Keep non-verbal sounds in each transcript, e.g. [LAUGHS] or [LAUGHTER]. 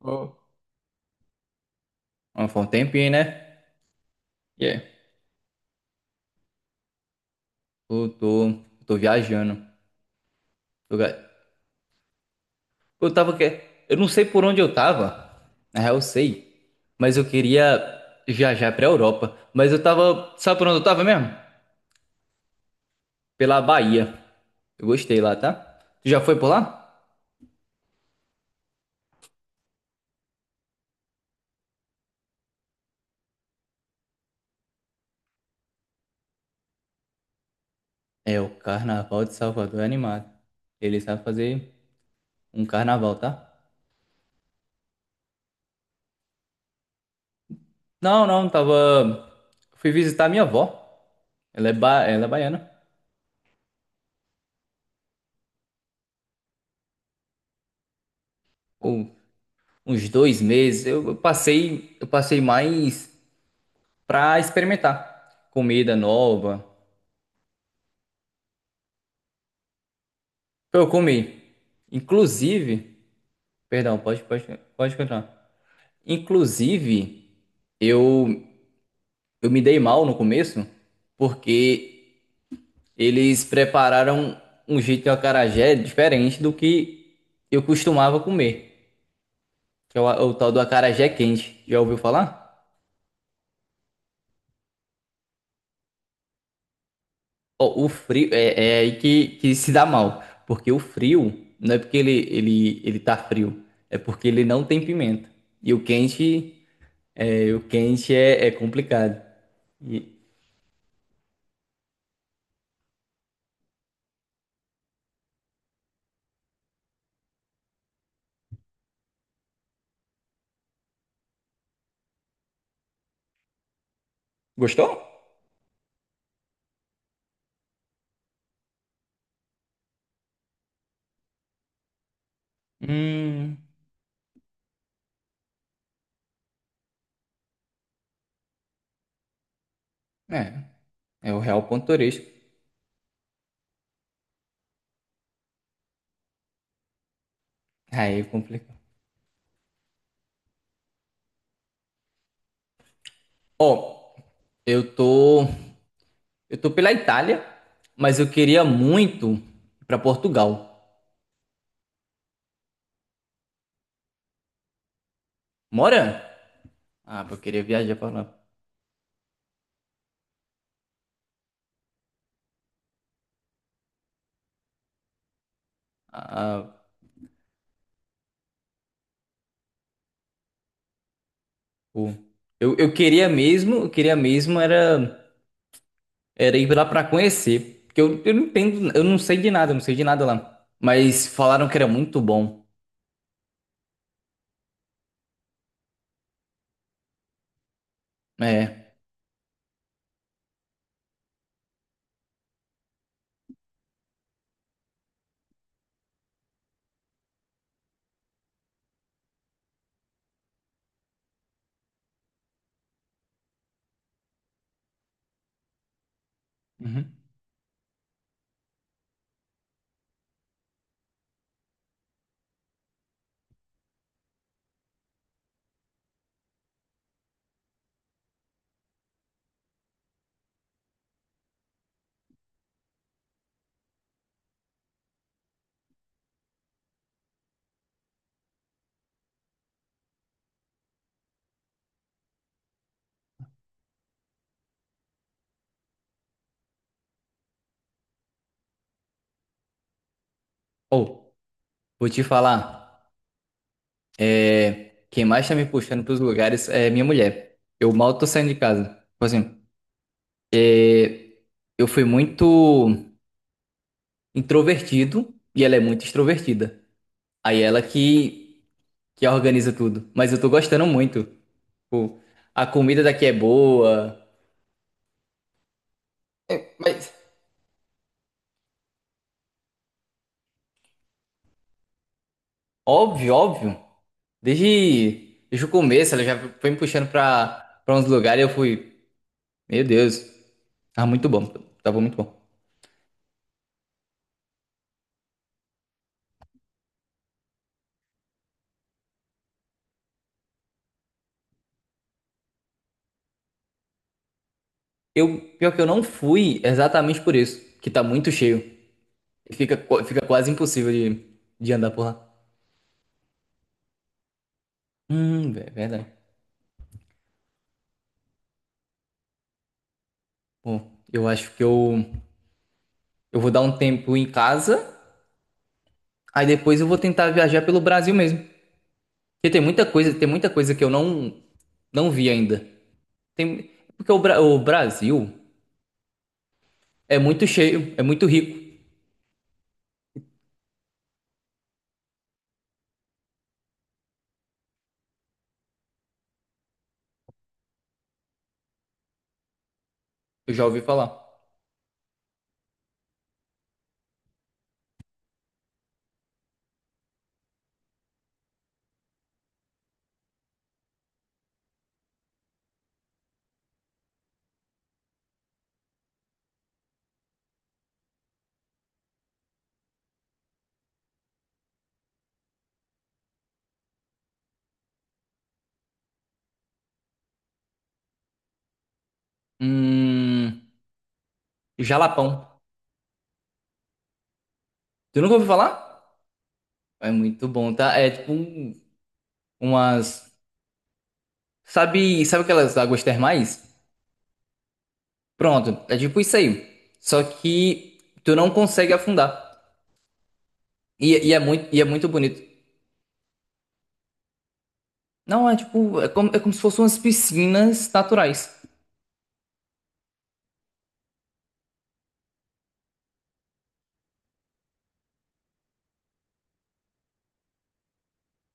Ó, foi um tempinho, né? Yeah. Eu tô viajando. Eu, ga- eu tava que... Eu não sei por onde eu tava. Na real, eu sei. Mas eu queria viajar pra Europa. Mas eu tava. Sabe por onde eu tava mesmo? Pela Bahia. Eu gostei lá, tá? Tu já foi por lá? É, o Carnaval de Salvador é animado. Ele sabe fazer um carnaval, tá? Não, não, tava. Fui visitar minha avó. Ela é baiana. Uns 2 meses, eu passei mais para experimentar comida nova. Pra Eu comi. Inclusive, perdão, pode continuar. Inclusive, eu, eu me dei mal no começo porque eles prepararam um jeito de acarajé diferente do que eu costumava comer, que é o tal do acarajé quente. Já ouviu falar? Ó, o frio é aí que se dá mal, porque o frio não é porque ele tá frio, é porque ele não tem pimenta. E o quente é complicado. E- Gostou? Hum, é, é o real ponto turístico. Aí complicou. Eu tô, eu tô pela Itália, mas eu queria muito ir pra Portugal. Mora? Ah, eu queria viajar pra lá. Ah, pô. Eu queria mesmo era ir lá pra conhecer. Porque eu não entendo, eu não sei de nada, eu não sei de nada lá. Mas falaram que era muito bom. É. Uhum. Ou, vou te falar. É, quem mais tá me puxando pros lugares é minha mulher. Eu mal tô saindo de casa. Tipo assim, é, eu fui muito introvertido e ela é muito extrovertida. Aí ela que organiza tudo. Mas eu tô gostando muito. Tipo, a comida daqui é boa. Mas, óbvio, óbvio. Desde o começo, ela já foi me puxando pra uns lugares e eu fui, meu Deus, tava muito bom, tava muito bom. Pior que eu não fui exatamente por isso, que tá muito cheio. E fica quase impossível de andar por lá. É verdade. Bom, eu acho que eu vou dar um tempo em casa, aí depois eu vou tentar viajar pelo Brasil mesmo. Porque tem muita coisa que eu não vi ainda. Tem, porque o Brasil é muito cheio, é muito rico. Eu já ouvi falar. Hum, Jalapão. Tu nunca ouviu falar? É muito bom, tá? É tipo umas. Sabe aquelas águas termais? Pronto, é tipo isso aí. Só que tu não consegue afundar. E é muito bonito. Não, é tipo. É como se fossem umas piscinas naturais.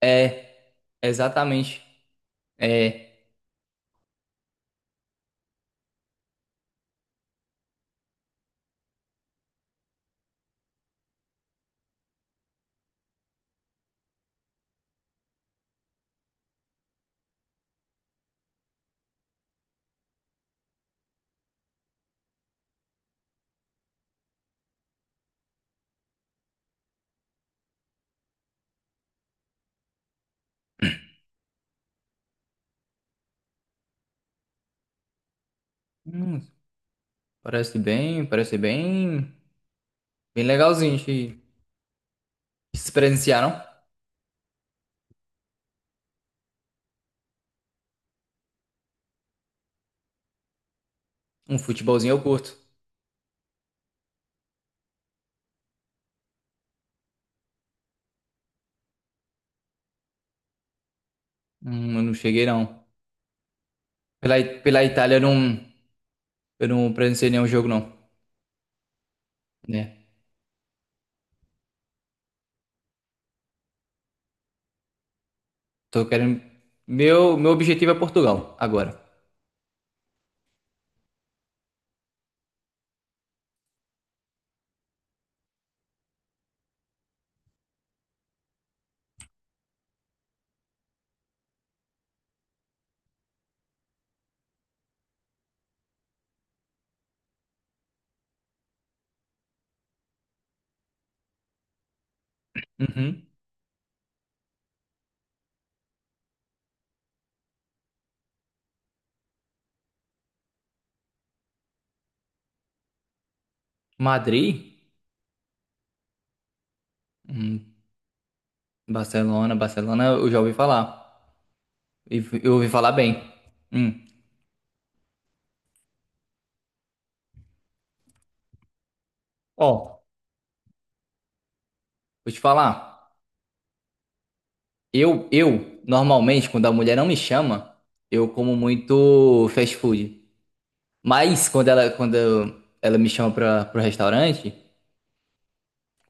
É, exatamente. É. Hum, Parece bem, parece bem. Bem legalzinho de se presenciar, não? Um futebolzinho eu curto. Eu não cheguei, não. Pela, pela Itália eu não. Eu não presenciei nenhum jogo, não. Né? Tô querendo. Meu objetivo é Portugal, agora. Uhum. Madrid? Hum, Barcelona, Barcelona, eu já ouvi falar. Eu ouvi falar bem. Hum. Ó, vou te falar. Eu, normalmente, quando a mulher não me chama, eu como muito fast food. Mas quando ela me chama pro restaurante,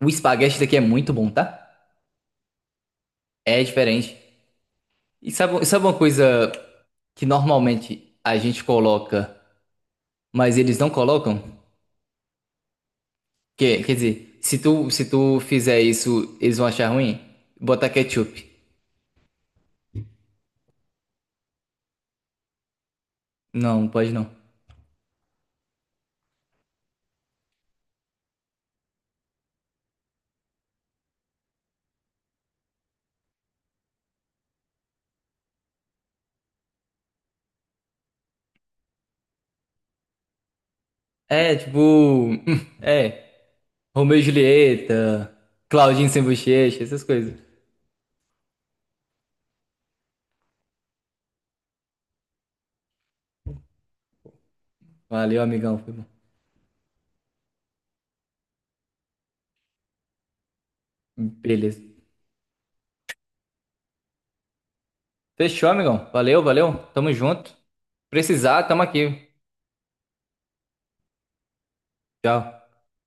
o espaguete daqui é muito bom, tá? É diferente. E sabe uma coisa que normalmente a gente coloca, mas eles não colocam? Quer dizer, se tu fizer isso, eles vão achar ruim? Botar ketchup. Não, não pode não. É, tipo. [LAUGHS] É. Romeu e Julieta, Claudinho sem bochecha, essas coisas. Valeu, amigão. Foi bom. Beleza. Fechou, amigão. Valeu, valeu. Tamo junto. Precisar, tamo aqui. Tchau.